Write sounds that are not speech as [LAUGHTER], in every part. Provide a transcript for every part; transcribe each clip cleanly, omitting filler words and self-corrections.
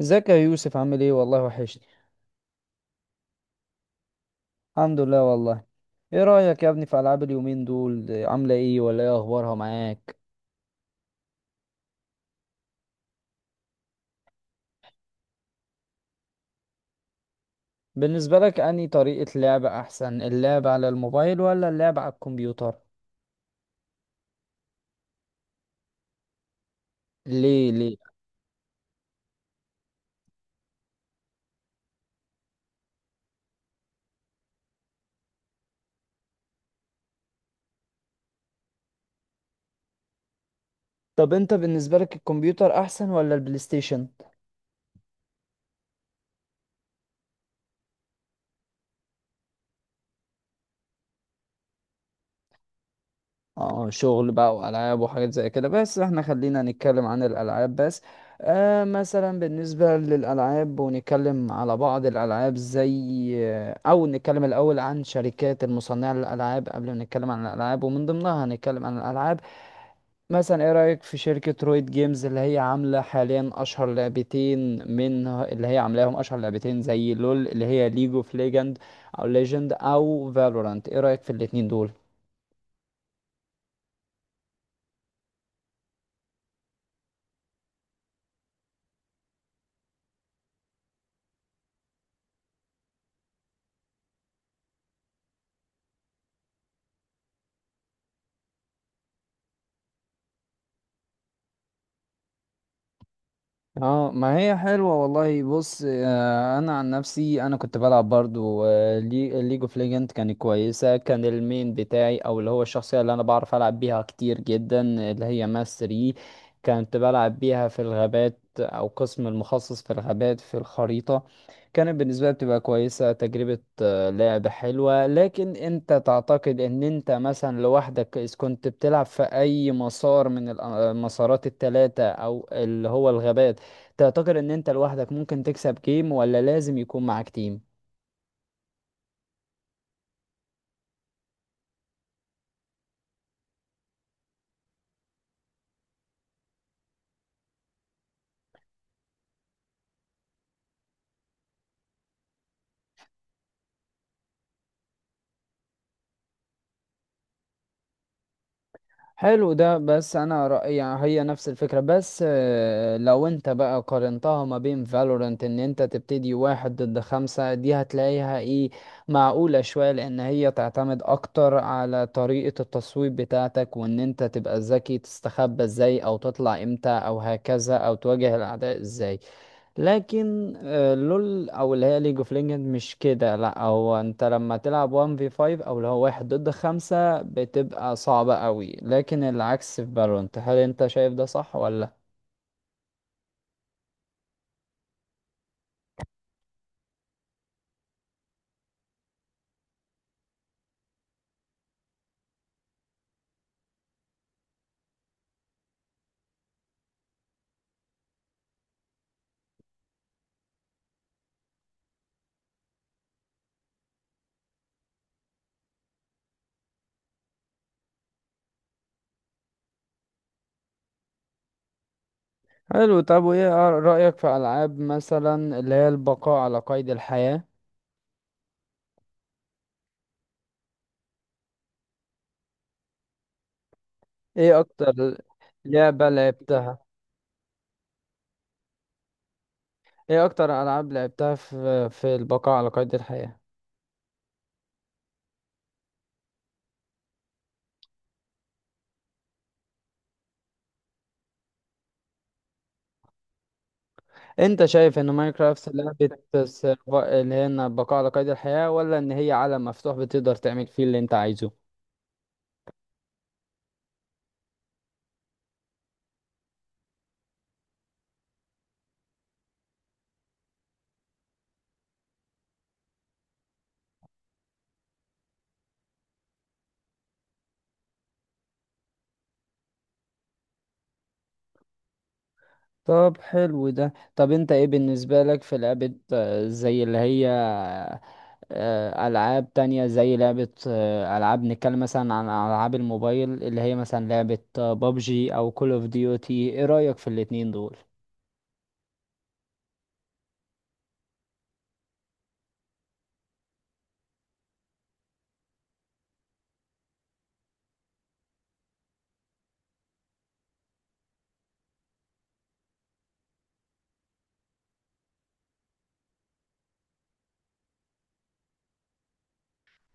ازيك يا يوسف؟ عامل ايه؟ والله وحشني. الحمد لله والله. ايه رأيك يا ابني في العاب اليومين دول؟ عاملة ايه ولا ايه اخبارها معاك؟ بالنسبة لك انهي طريقة لعب احسن، اللعب على الموبايل ولا اللعب على الكمبيوتر؟ ليه ليه؟ طب انت بالنسبة لك الكمبيوتر احسن ولا البلاي ستيشن؟ اه، شغل بقى والعاب وحاجات زي كده، بس احنا خلينا نتكلم عن الالعاب بس. مثلا بالنسبه للالعاب، ونتكلم على بعض الالعاب زي او نتكلم الاول عن شركات المصنعه للالعاب قبل ما نتكلم عن الالعاب، ومن ضمنها هنتكلم عن الالعاب. مثلا ايه رايك في شركه رويد جيمز اللي هي عامله حاليا اشهر لعبتين، من اللي هي عاملاهم اشهر لعبتين زي لول اللي هي ليج اوف ليجند او ليجند او فالورانت، ايه رايك في الاتنين دول؟ اه، ما هي حلوة والله. بص، انا عن نفسي انا كنت بلعب برضو ليج اوف ليجند، كانت كويسة. كان المين بتاعي او اللي هو الشخصية اللي انا بعرف العب بيها كتير جدا اللي هي ماس 3. كنت بلعب بيها في الغابات، او قسم المخصص في الغابات في الخريطة. كانت بالنسبة لي بتبقى كويسة، تجربة لعب حلوة. لكن انت تعتقد ان انت مثلا لوحدك اذا كنت بتلعب في اي مسار من المسارات التلاتة او اللي هو الغابات، تعتقد ان انت لوحدك ممكن تكسب جيم ولا لازم يكون معاك تيم؟ حلو ده. بس انا رأيي يعني هي نفس الفكرة، بس لو انت بقى قارنتها ما بين فالورانت ان انت تبتدي واحد ضد خمسة، دي هتلاقيها ايه؟ معقولة شوية، لان هي تعتمد اكتر على طريقة التصويب بتاعتك، وان انت تبقى ذكي تستخبى ازاي او تطلع امتى او هكذا او تواجه الاعداء ازاي. لكن لول او اللي هي ليج اوف ليجند مش كده. لا، هو انت لما تلعب 1 في 5 او اللي هو واحد ضد خمسة بتبقى صعبة قوي، لكن العكس في فالورانت. هل انت شايف ده صح ولا؟ حلو. طب وايه رأيك في العاب مثلا اللي هي البقاء على قيد الحياة؟ ايه اكتر لعبة لعبتها؟ ايه اكتر العاب لعبتها في البقاء على قيد الحياة؟ انت شايف ان ماينكرافت لعبة اللي هي إن بقاء على قيد الحياة، ولا ان هي عالم مفتوح بتقدر تعمل فيه اللي انت عايزه؟ طب حلو ده. طب انت ايه بالنسبة لك في لعبة، زي اللي هي ألعاب تانية زي لعبة، ألعاب، نتكلم مثلا عن ألعاب الموبايل اللي هي مثلا لعبة بابجي أو كول اوف ديوتي، ايه رأيك في الاتنين دول؟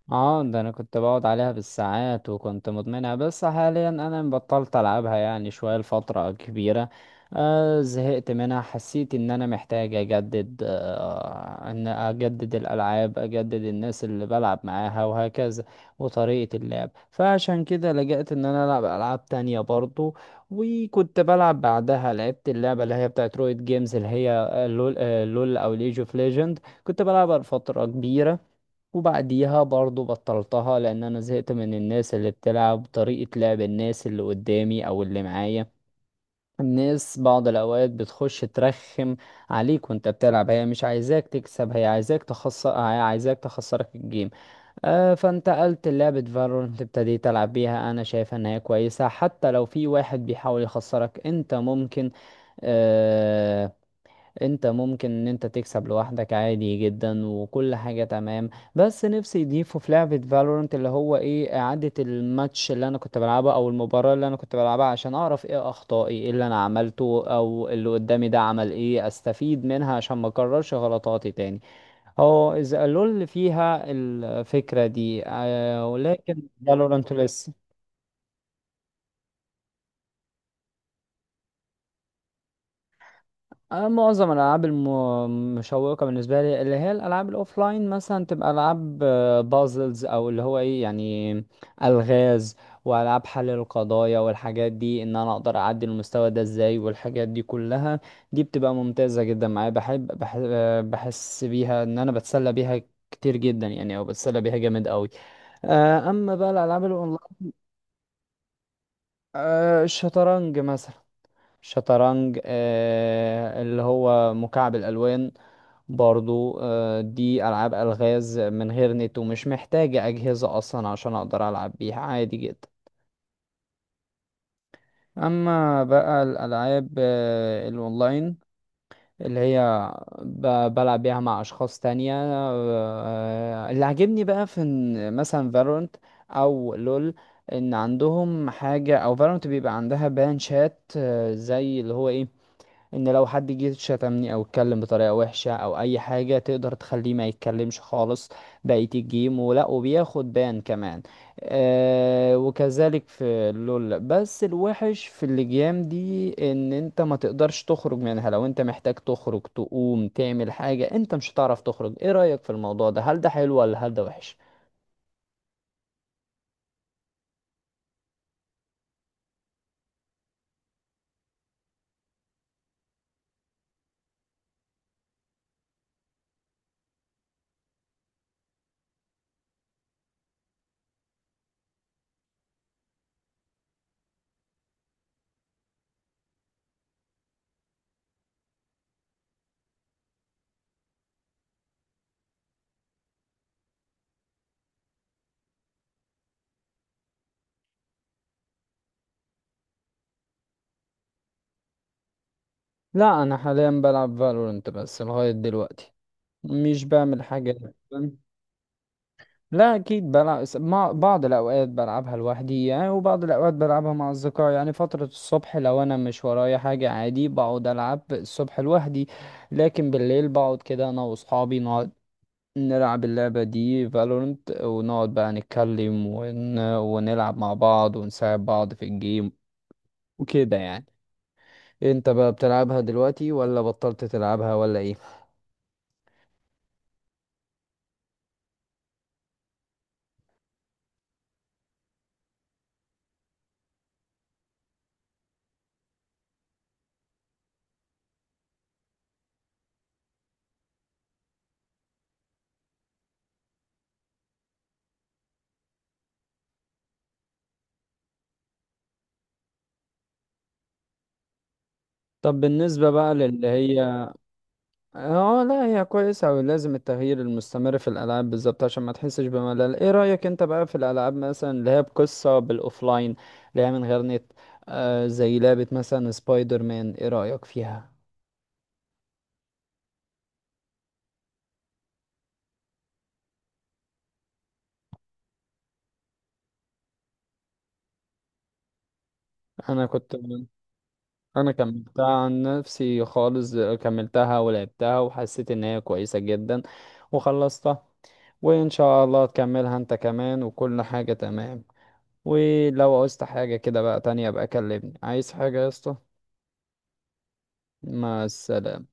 اه، ده انا كنت بقعد عليها بالساعات وكنت مدمنها. بس حاليا انا بطلت العبها يعني شوية لفترة كبيرة. زهقت منها، حسيت ان انا محتاج اجدد، ان اجدد الالعاب، اجدد الناس اللي بلعب معاها وهكذا، وطريقة اللعب. فعشان كده لجأت ان انا العب العاب تانية برضو. وكنت بلعب بعدها، لعبت اللعبة اللي هي بتاعت رويد جيمز اللي هي لول او ليج اوف ليجند. كنت بلعبها لفترة كبيرة، وبعديها برضو بطلتها لان انا زهقت من الناس اللي بتلعب، طريقة لعب الناس اللي قدامي او اللي معايا. الناس بعض الاوقات بتخش ترخم عليك وانت بتلعب. هي مش عايزاك تكسب، هي عايزاك تخسر، هي عايزاك تخسرك الجيم. فانتقلت لعبة فالورنت، ابتديت العب بيها. انا شايف ان هي كويسة حتى لو في واحد بيحاول يخسرك، انت ممكن، آه، انت ممكن ان انت تكسب لوحدك عادي جدا، وكل حاجة تمام. بس نفسي يضيفوا في لعبة فالورنت اللي هو ايه، اعادة الماتش اللي انا كنت بلعبها او المباراة اللي انا كنت بلعبها، عشان اعرف ايه اخطائي، ايه اللي انا عملته او اللي قدامي ده عمل ايه، استفيد منها عشان ما اكررش غلطاتي تاني. هو اذا قالوا اللي فيها الفكرة دي، ولكن فالورنت لسه. أنا معظم الألعاب المشوقة بالنسبة لي اللي هي الألعاب الأوفلاين، مثلا تبقى ألعاب بازلز، أو اللي هو إيه يعني، ألغاز، وألعاب حل القضايا والحاجات دي، إن أنا أقدر أعدي المستوى ده إزاي والحاجات دي كلها. دي بتبقى ممتازة جدا معايا. بحب بحس بيها إن أنا بتسلى بيها كتير جدا يعني، أو بتسلى بيها جامد أوي. أما بقى الألعاب الأونلاين، الشطرنج مثلا، شطرنج، اللي هو مكعب الألوان برضو، دي ألعاب ألغاز من غير نت ومش محتاجة أجهزة أصلا عشان أقدر ألعب بيها عادي جدا. أما بقى الألعاب الأونلاين اللي هي بلعب بيها مع أشخاص تانية، اللي عاجبني بقى في إن مثلا فالورنت أو لول، إن عندهم حاجة، أو فالورنت بيبقى عندها بان شات، زي اللي هو إيه، ان لو حد جه شتمني او اتكلم بطريقه وحشه او اي حاجه، تقدر تخليه ما يتكلمش خالص بقيه الجيم، ولا وبياخد بان كمان. وكذلك في لول. بس الوحش في اللجام دي ان انت ما تقدرش تخرج منها، لو انت محتاج تخرج تقوم تعمل حاجه انت مش هتعرف تخرج. ايه رايك في الموضوع ده؟ هل ده حلو ولا هل ده وحش؟ لا، انا حاليا بلعب فالورنت بس لغايه دلوقتي، مش بعمل حاجه. لا، اكيد بلعب مع بعض. الاوقات بلعبها لوحدي يعني، وبعض الاوقات بلعبها مع اصدقائي. يعني فترة الصبح لو انا مش ورايا حاجة عادي بقعد العب الصبح لوحدي، لكن بالليل بقعد كده انا واصحابي، نقعد نلعب اللعبة دي فالورنت، ونقعد بقى نتكلم ونلعب مع بعض ونساعد بعض في الجيم وكده يعني. انت بقى بتلعبها دلوقتي ولا بطلت تلعبها ولا ايه؟ طب بالنسبة بقى للي هي. اه، لا هي كويسة، ولازم التغيير المستمر في الألعاب بالظبط عشان ما تحسش بملل. ايه رأيك انت بقى في الألعاب مثلا اللي هي بقصة بالأوفلاين، اللي هي من غير نت، زي لعبة مثلا سبايدر مان، ايه رأيك فيها؟ انا كنت [LAUGHS] انا كملتها عن نفسي خالص، كملتها ولعبتها وحسيت ان هي كويسة جدا وخلصتها. وان شاء الله تكملها انت كمان، وكل حاجة تمام. ولو عوزت حاجة كده بقى تانية، بقى كلمني عايز حاجة يا اسطى. مع السلامة.